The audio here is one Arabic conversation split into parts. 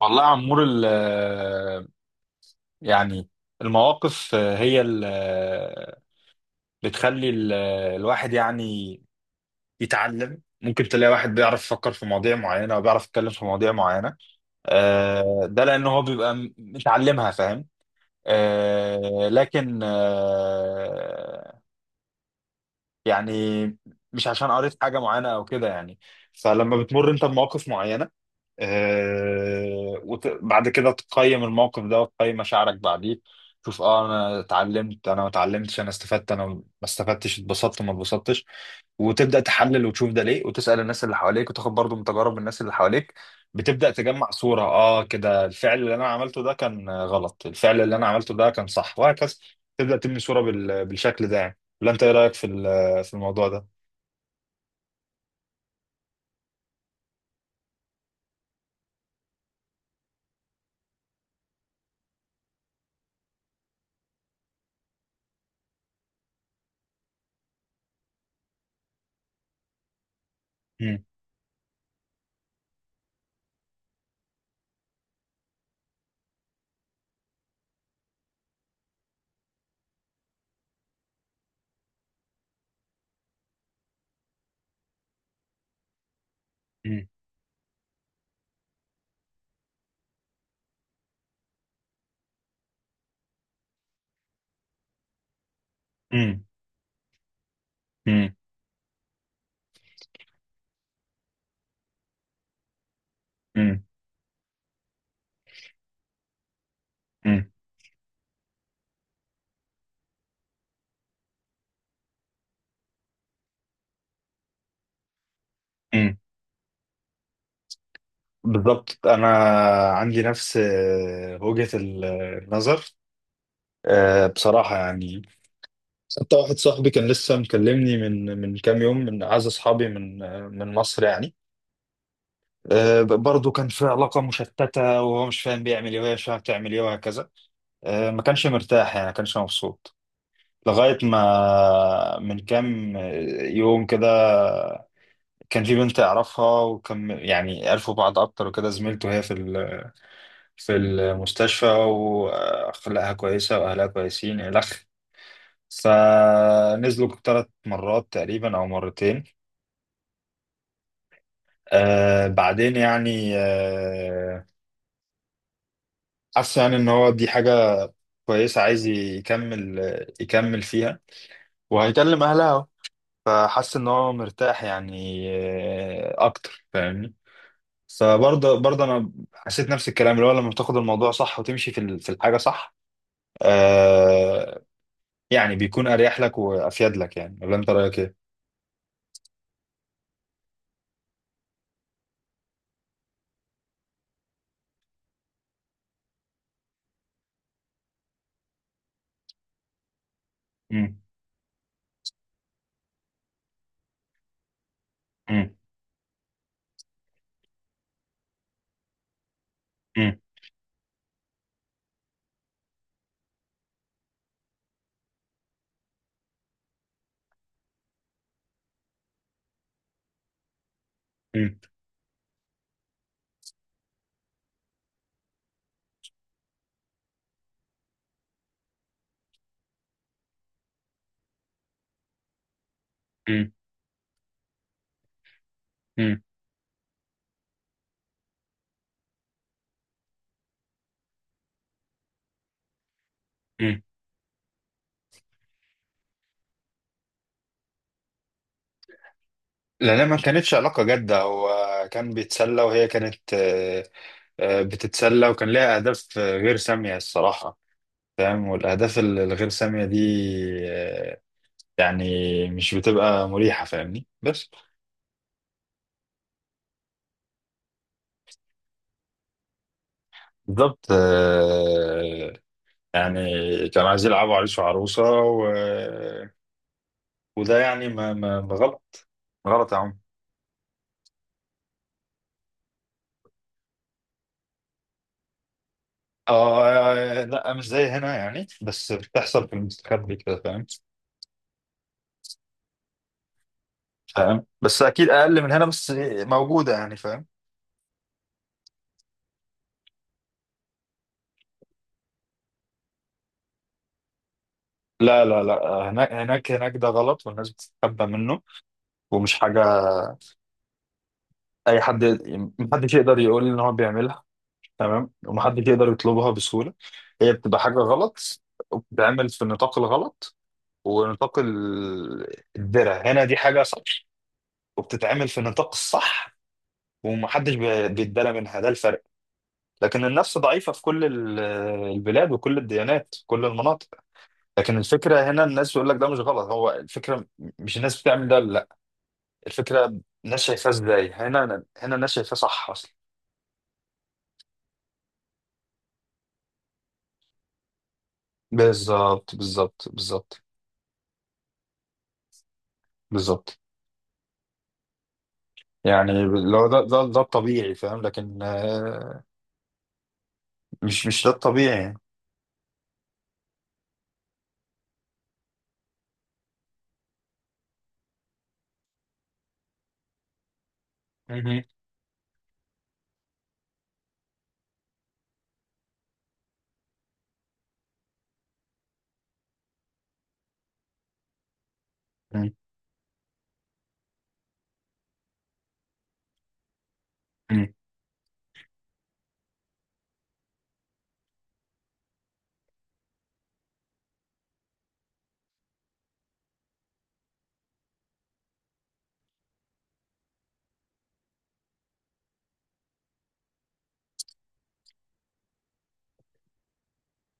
والله يا عمور يعني المواقف هي اللي بتخلي الواحد يعني يتعلم. ممكن تلاقي واحد بيعرف يفكر في مواضيع معينة وبيعرف يتكلم في مواضيع معينة. ده لأن هو بيبقى متعلمها، فاهم. لكن يعني مش عشان قريت حاجة معينة أو كده يعني. فلما بتمر أنت بمواقف معينة، وبعد كده تقيم الموقف ده وتقيم مشاعرك بعديه، تشوف انا اتعلمت انا ما اتعلمتش، انا استفدت انا ما استفدتش، اتبسطت ما اتبسطتش، وتبدا تحلل وتشوف ده ليه، وتسال الناس اللي حواليك، وتاخد برضو من تجارب الناس اللي حواليك. بتبدا تجمع صوره، كده الفعل اللي انا عملته ده كان غلط، الفعل اللي انا عملته ده كان صح، وهكذا. تبدا تبني صوره بالشكل ده يعني. ولا انت ايه رايك في في الموضوع ده؟ مم. مم. مم. مم. مم. مم. بالضبط، انا عندي نفس وجهة النظر. بصراحة يعني، حتى واحد صاحبي كان لسه مكلمني من كام يوم، من اعز اصحابي، من مصر يعني. برضه كان في علاقة مشتتة، وهو مش فاهم بيعمل ايه، وهي مش فاهمة بتعمل ايه، وهكذا. ما كانش مرتاح، يعني ما كانش مبسوط، لغاية ما من كام يوم كده، كان في بنت يعرفها، وكان يعني عرفوا بعض اكتر وكده، زميلته هي في المستشفى، وأخلاقها كويسة، وأهلها كويسين، إلخ. فنزلوا 3 مرات تقريبا أو مرتين. بعدين يعني حس يعني إن هو دي حاجة كويسة، عايز يكمل، يكمل فيها، وهيكلم أهلها أهو. فحس إن هو مرتاح، يعني أكتر، فاهمني. فبرضه أنا حسيت نفس الكلام، اللي هو لما بتاخد الموضوع صح وتمشي في في الحاجة صح. آه، يعني بيكون اريح لك وافيد لك يعني. ولا انت رايك ايه؟ مم. مم. مم. مم. مم. مم. مم. لأنها ما كانتش علاقة جادة. هو كان بيتسلى، وهي كانت بتتسلى، وكان ليها أهداف غير سامية الصراحة. فاهم. والأهداف الغير سامية دي آه، يعني مش بتبقى مريحة، فاهمني، بس. بالظبط يعني كانوا عايزين يلعبوا عريس وعروسة وده يعني ما غلط، غلط يا عم. اه، لا مش زي هنا يعني، بس بتحصل في المستخبي كده، فاهم. فاهم، بس اكيد اقل من هنا، بس موجوده يعني، فاهم. لا لا لا، هناك هناك هناك ده غلط، والناس بتتخبى منه، ومش حاجه اي حد، محدش يقدر يقول ان هو بيعملها تمام، ومحدش يقدر يطلبها بسهوله. هي بتبقى حاجه غلط، وبتتعمل في النطاق الغلط. ونطاق الدرع هنا دي حاجه صح، وبتتعمل في النطاق الصح. ومحدش بيتدلى منها، ده الفرق. لكن النفس ضعيفة في كل البلاد، وكل الديانات، كل المناطق. لكن الفكرة هنا، الناس بيقول لك ده مش غلط، هو الفكرة، مش الناس بتعمل ده، لا. الفكرة الناس شايفاه ازاي. هنا، هنا الناس شايفاه صح اصلا. بالظبط بالظبط بالظبط بالظبط. يعني لو ده الطبيعي، فاهم. لكن مش ده الطبيعي يعني. مهم. مم. مم.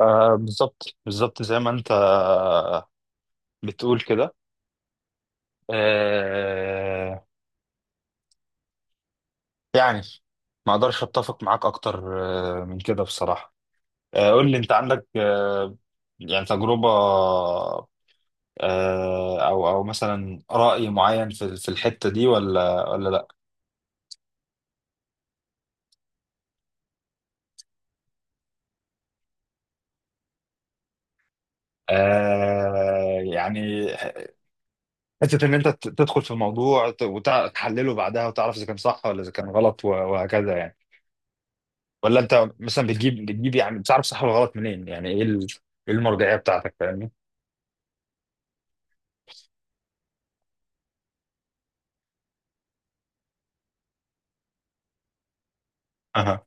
بالظبط بالظبط زي ما انت بتقول كده، آه يعني ما اقدرش اتفق معاك اكتر من كده بصراحة. قول لي، انت عندك يعني تجربة او مثلا رأي معين في الحتة دي، ولا لا؟ يعني حتة ان انت تدخل في الموضوع وتحلله بعدها، وتعرف اذا كان صح ولا اذا كان غلط وهكذا يعني. ولا انت مثلا بتجيب يعني بتعرف صح ولا غلط منين؟ يعني إيه المرجعية بتاعتك؟ فاهمني. اها.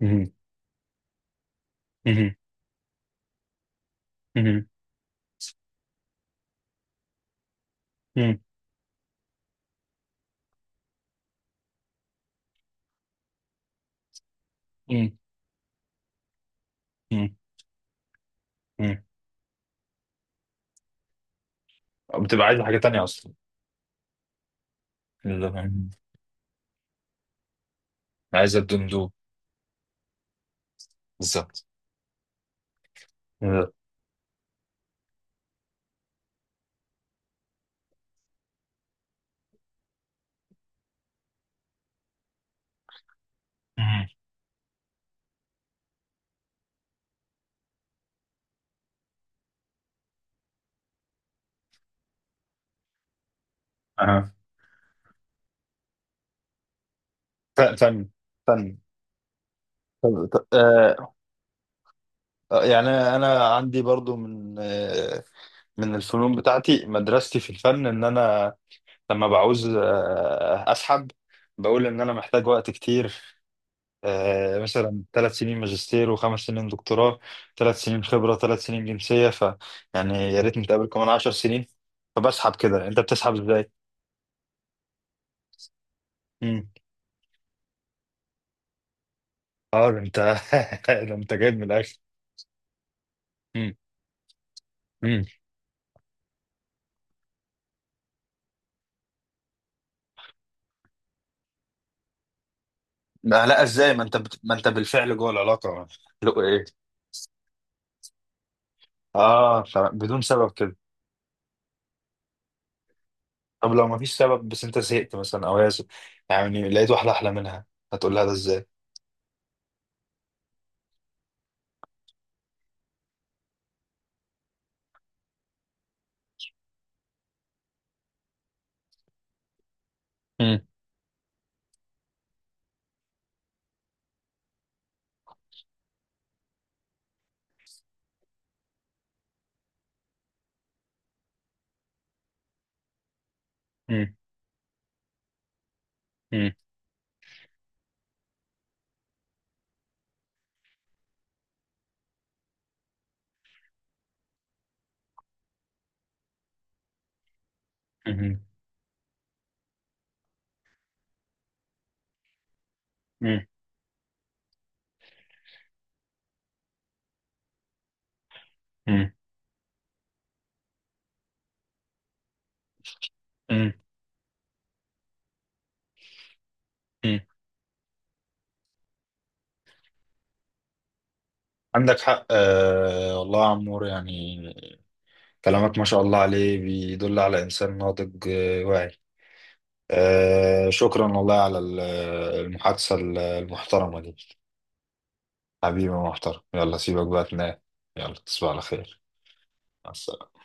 مهم. مهم. مهم. مهم. مهم. مم. بتبقى عايز حاجة تانية أصلا. بالظبط. مم. عايز الدندو. بالظبط. بالظبط. مم. أها. فن فن. طب طب يعني انا عندي برضو من الفنون بتاعتي، مدرستي في الفن ان انا لما بعوز اسحب، بقول ان انا محتاج وقت كتير، مثلا 3 سنين ماجستير، و5 سنين دكتوراه، 3 سنين خبرة، 3 سنين جنسية. يعني يا ريت نتقابل كمان 10 سنين. فبسحب كده. انت بتسحب ازاي؟ اه، ده انت ده انت جايب من الاخر. مم. مم. ما لا، ازاي؟ ما انت ما انت بالفعل جوه العلاقه. لو ايه؟ اه تمام، بدون سبب كده؟ طب لو ما فيش سبب، بس انت زهقت مثلا، او هي زهقت، يعني لقيت واحده احلى منها، هتقول لها ده ازاي؟ مم. مم. مم. مم. مم. مم. مم. مم. عندك حق، والله يا عمور يعني، كلامك ما شاء الله عليه، بيدل على انسان ناضج، واعي. شكرا والله على المحادثه المحترمه دي. حبيبي محترم، يلا سيبك بقى تنام. يلا تصبح على خير. مع السلامة.